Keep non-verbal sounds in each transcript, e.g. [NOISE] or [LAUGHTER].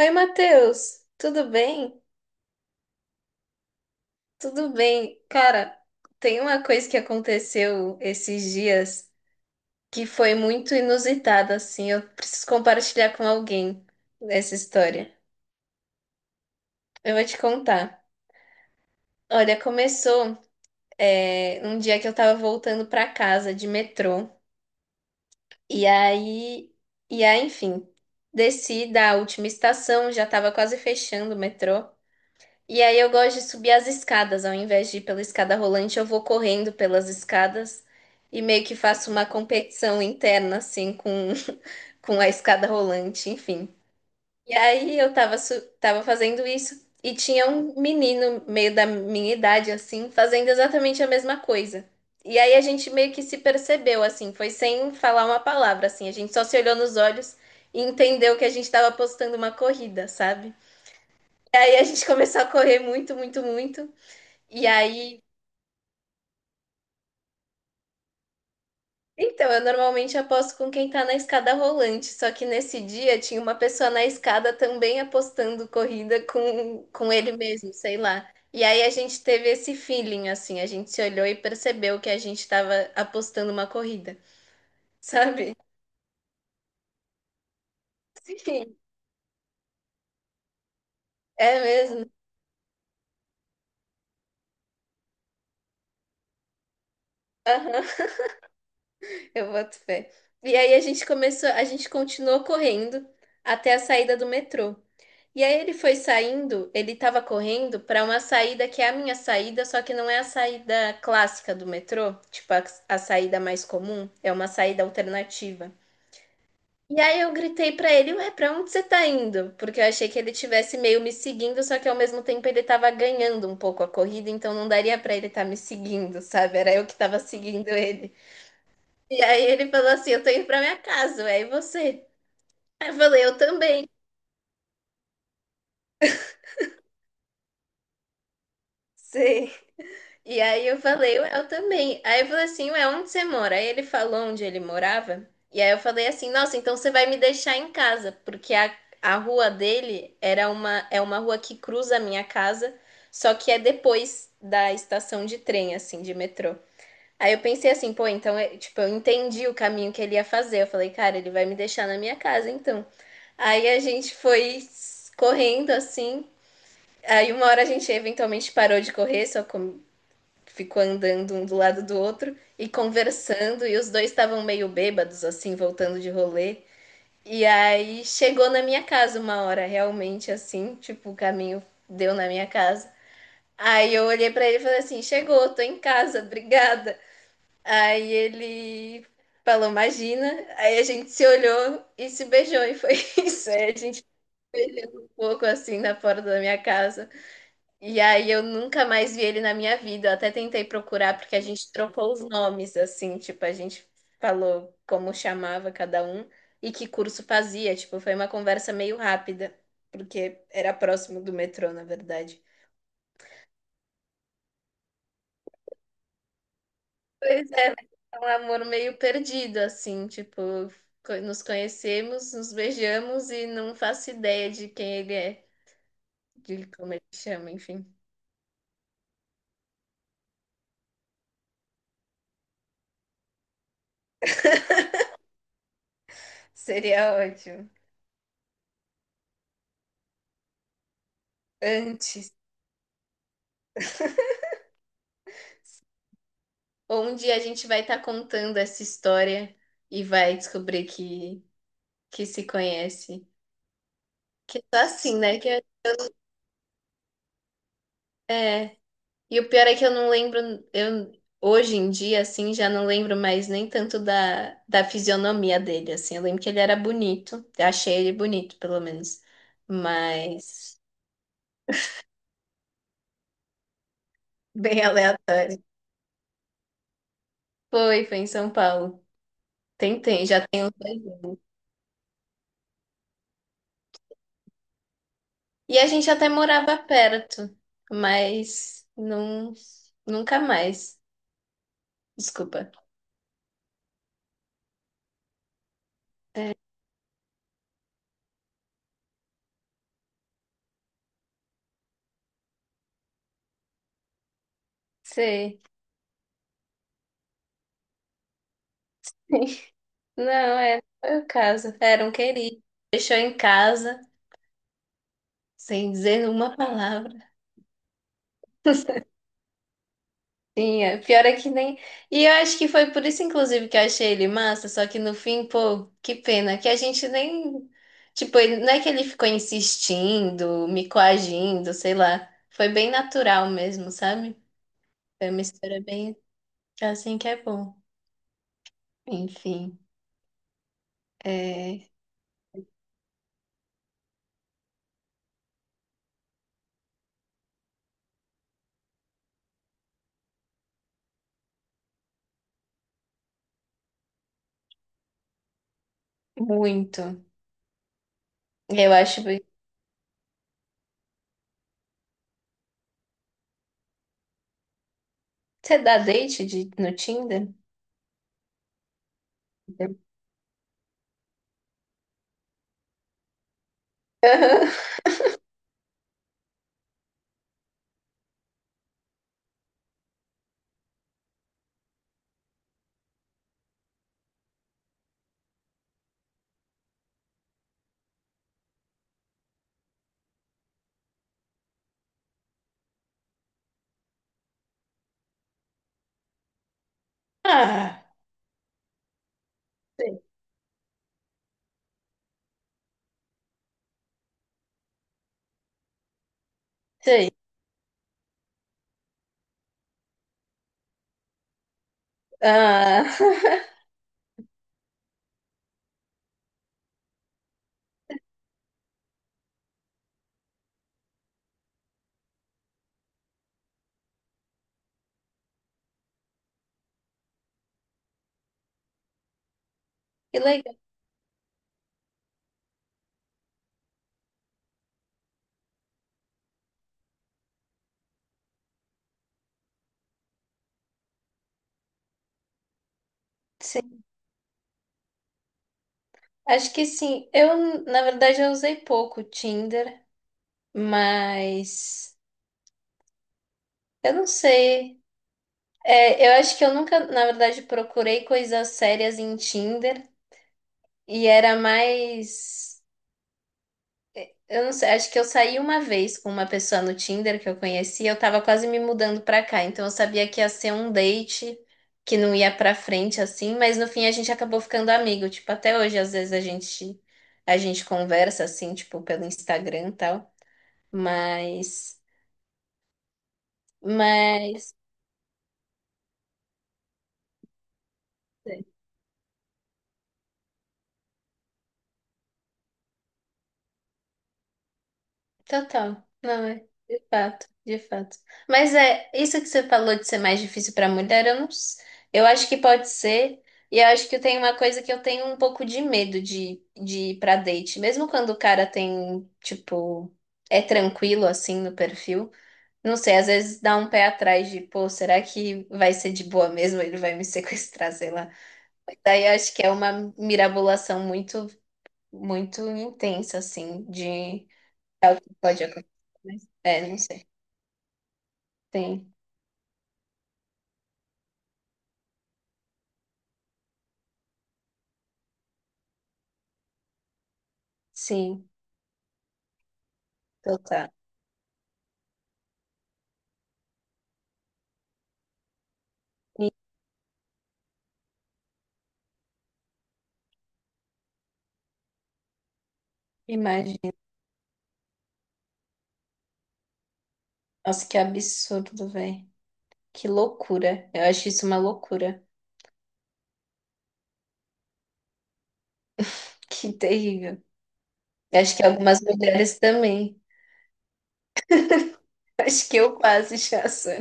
Oi, Matheus, tudo bem? Tudo bem. Cara, tem uma coisa que aconteceu esses dias que foi muito inusitada, assim. Eu preciso compartilhar com alguém essa história. Eu vou te contar. Olha, começou, um dia que eu tava voltando pra casa de metrô. E aí, enfim, desci da última estação, já tava quase fechando o metrô. E aí eu gosto de subir as escadas, ao invés de ir pela escada rolante, eu vou correndo pelas escadas e meio que faço uma competição interna, assim, [LAUGHS] com a escada rolante, enfim. E aí eu tava fazendo isso e tinha um menino, meio da minha idade, assim, fazendo exatamente a mesma coisa. E aí a gente meio que se percebeu, assim, foi sem falar uma palavra, assim, a gente só se olhou nos olhos e entendeu que a gente tava apostando uma corrida, sabe? E aí a gente [LAUGHS] começou a correr muito, muito, muito. E aí, então, eu normalmente aposto com quem tá na escada rolante, só que nesse dia tinha uma pessoa na escada também apostando corrida com ele mesmo, sei lá. E aí a gente teve esse feeling, assim, a gente se olhou e percebeu que a gente tava apostando uma corrida, [LAUGHS] sabe? Sim, é mesmo. Aham, [LAUGHS] eu boto fé. E aí a gente continuou correndo até a saída do metrô. E aí ele foi saindo, ele tava correndo pra uma saída que é a minha saída, só que não é a saída clássica do metrô, a saída mais comum, é uma saída alternativa. E aí eu gritei pra ele, ué, pra onde você tá indo? Porque eu achei que ele tivesse meio me seguindo, só que ao mesmo tempo ele tava ganhando um pouco a corrida, então não daria pra ele estar tá me seguindo, sabe? Era eu que tava seguindo ele. E aí ele falou assim, eu tô indo pra minha casa, ué, e você? Aí eu falei, eu também. Sim. E aí eu falei, "Ué, eu também. Aí eu falei assim, ué, onde você mora? Aí ele falou onde ele morava. E aí eu falei assim, nossa, então você vai me deixar em casa, porque a rua dele era uma, é uma rua que cruza a minha casa, só que é depois da estação de trem, assim, de metrô. Aí eu pensei assim, pô, então, tipo, eu entendi o caminho que ele ia fazer. Eu falei, cara, ele vai me deixar na minha casa, então. Aí a gente foi correndo assim. Aí uma hora a gente eventualmente parou de correr, só ficou andando um do lado do outro e conversando, e os dois estavam meio bêbados, assim, voltando de rolê. E aí chegou na minha casa uma hora, realmente, assim, tipo, o caminho deu na minha casa. Aí eu olhei pra ele e falei assim: chegou, tô em casa, obrigada. Aí ele falou: imagina. Aí a gente se olhou e se beijou, e foi [LAUGHS] isso. Aí a gente beijou um pouco assim na porta da minha casa. E aí eu nunca mais vi ele na minha vida. Eu até tentei procurar porque a gente trocou os nomes assim, tipo, a gente falou como chamava cada um e que curso fazia, tipo, foi uma conversa meio rápida, porque era próximo do metrô, na verdade. Pois é, mas é um amor meio perdido assim, tipo, nos conhecemos, nos beijamos e não faço ideia de quem ele é, de como ele chama, enfim. Seria ótimo. Antes. Onde a gente vai estar contando essa história e vai descobrir que se conhece. Que tá assim, né? É. E o pior é que eu não lembro, eu hoje em dia, assim, já não lembro mais nem tanto da fisionomia dele, assim. Eu lembro que ele era bonito, eu achei ele bonito, pelo menos. Mas [LAUGHS] bem aleatório. Foi em São Paulo. Tentei, já tem uns dois anos. E a gente até morava perto, mas não, nunca mais. Desculpa. Sei. [LAUGHS] Não, é, foi o caso. Era um querido. Deixou em casa, sem dizer uma palavra. [LAUGHS] Sim, é. Pior é que nem. E eu acho que foi por isso, inclusive, que eu achei ele massa. Só que no fim, pô, que pena. Que a gente nem. Tipo, ele... não é que ele ficou insistindo, me coagindo, sei lá. Foi bem natural mesmo, sabe? Foi uma história bem assim que é bom. Enfim, é muito. Eu acho. Você dá date no Tinder? Aham. Ah, sei, sei. Ah, [LAUGHS] que legal, sim. Acho que sim. Eu, na verdade, eu usei pouco o Tinder, mas eu não sei. É, eu acho que eu nunca, na verdade, procurei coisas sérias em Tinder e era mais. Eu não sei, acho que eu saí uma vez com uma pessoa no Tinder que eu conheci eu tava quase me mudando pra cá, então eu sabia que ia ser um date que não ia pra frente assim, mas no fim a gente acabou ficando amigo, tipo, até hoje às vezes a gente conversa assim, tipo, pelo Instagram e tal, mas mas Total. Não é. De fato, de fato. Mas é isso que você falou de ser mais difícil para mulher, eu não, s- eu acho que pode ser. E eu acho que tem uma coisa que eu tenho um pouco de medo de ir pra date. Mesmo quando o cara tem, tipo, é tranquilo assim no perfil. Não sei, às vezes dá um pé atrás de, pô, será que vai ser de boa mesmo? Ele vai me [LAUGHS] sequestrar, sei lá. Mas daí eu acho que é uma mirabolação muito intensa, assim, de. É o que pode acontecer. Mas, é, não sei. Tem. Sim. Então tá. E- Imagina. Nossa, que absurdo, velho. Que loucura. Eu acho isso uma loucura. Que terrível. Eu acho que algumas mulheres também. [LAUGHS] Acho que eu quase já sou.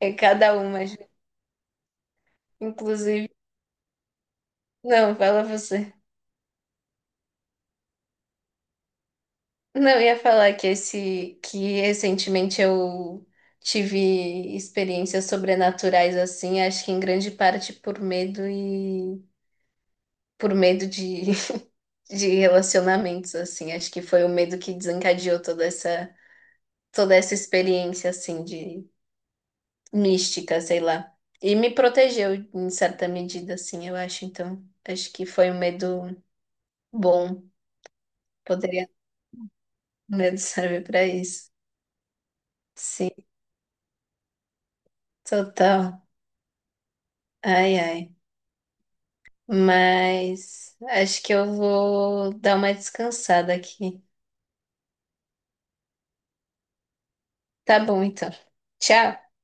É cada uma. Ju. Inclusive. Não, fala você. Não, eu ia falar que esse. Que recentemente eu. Tive experiências sobrenaturais assim, acho que em grande parte por medo e por medo de relacionamentos, assim. Acho que foi o medo que desencadeou toda essa experiência, assim, de mística, sei lá. E me protegeu em certa medida, assim, eu acho. Então, acho que foi um medo bom. Poderia, o medo [LAUGHS] serve para isso. Sim, total. Ai, ai. Mas acho que eu vou dar uma descansada aqui. Tá bom, então. Tchau.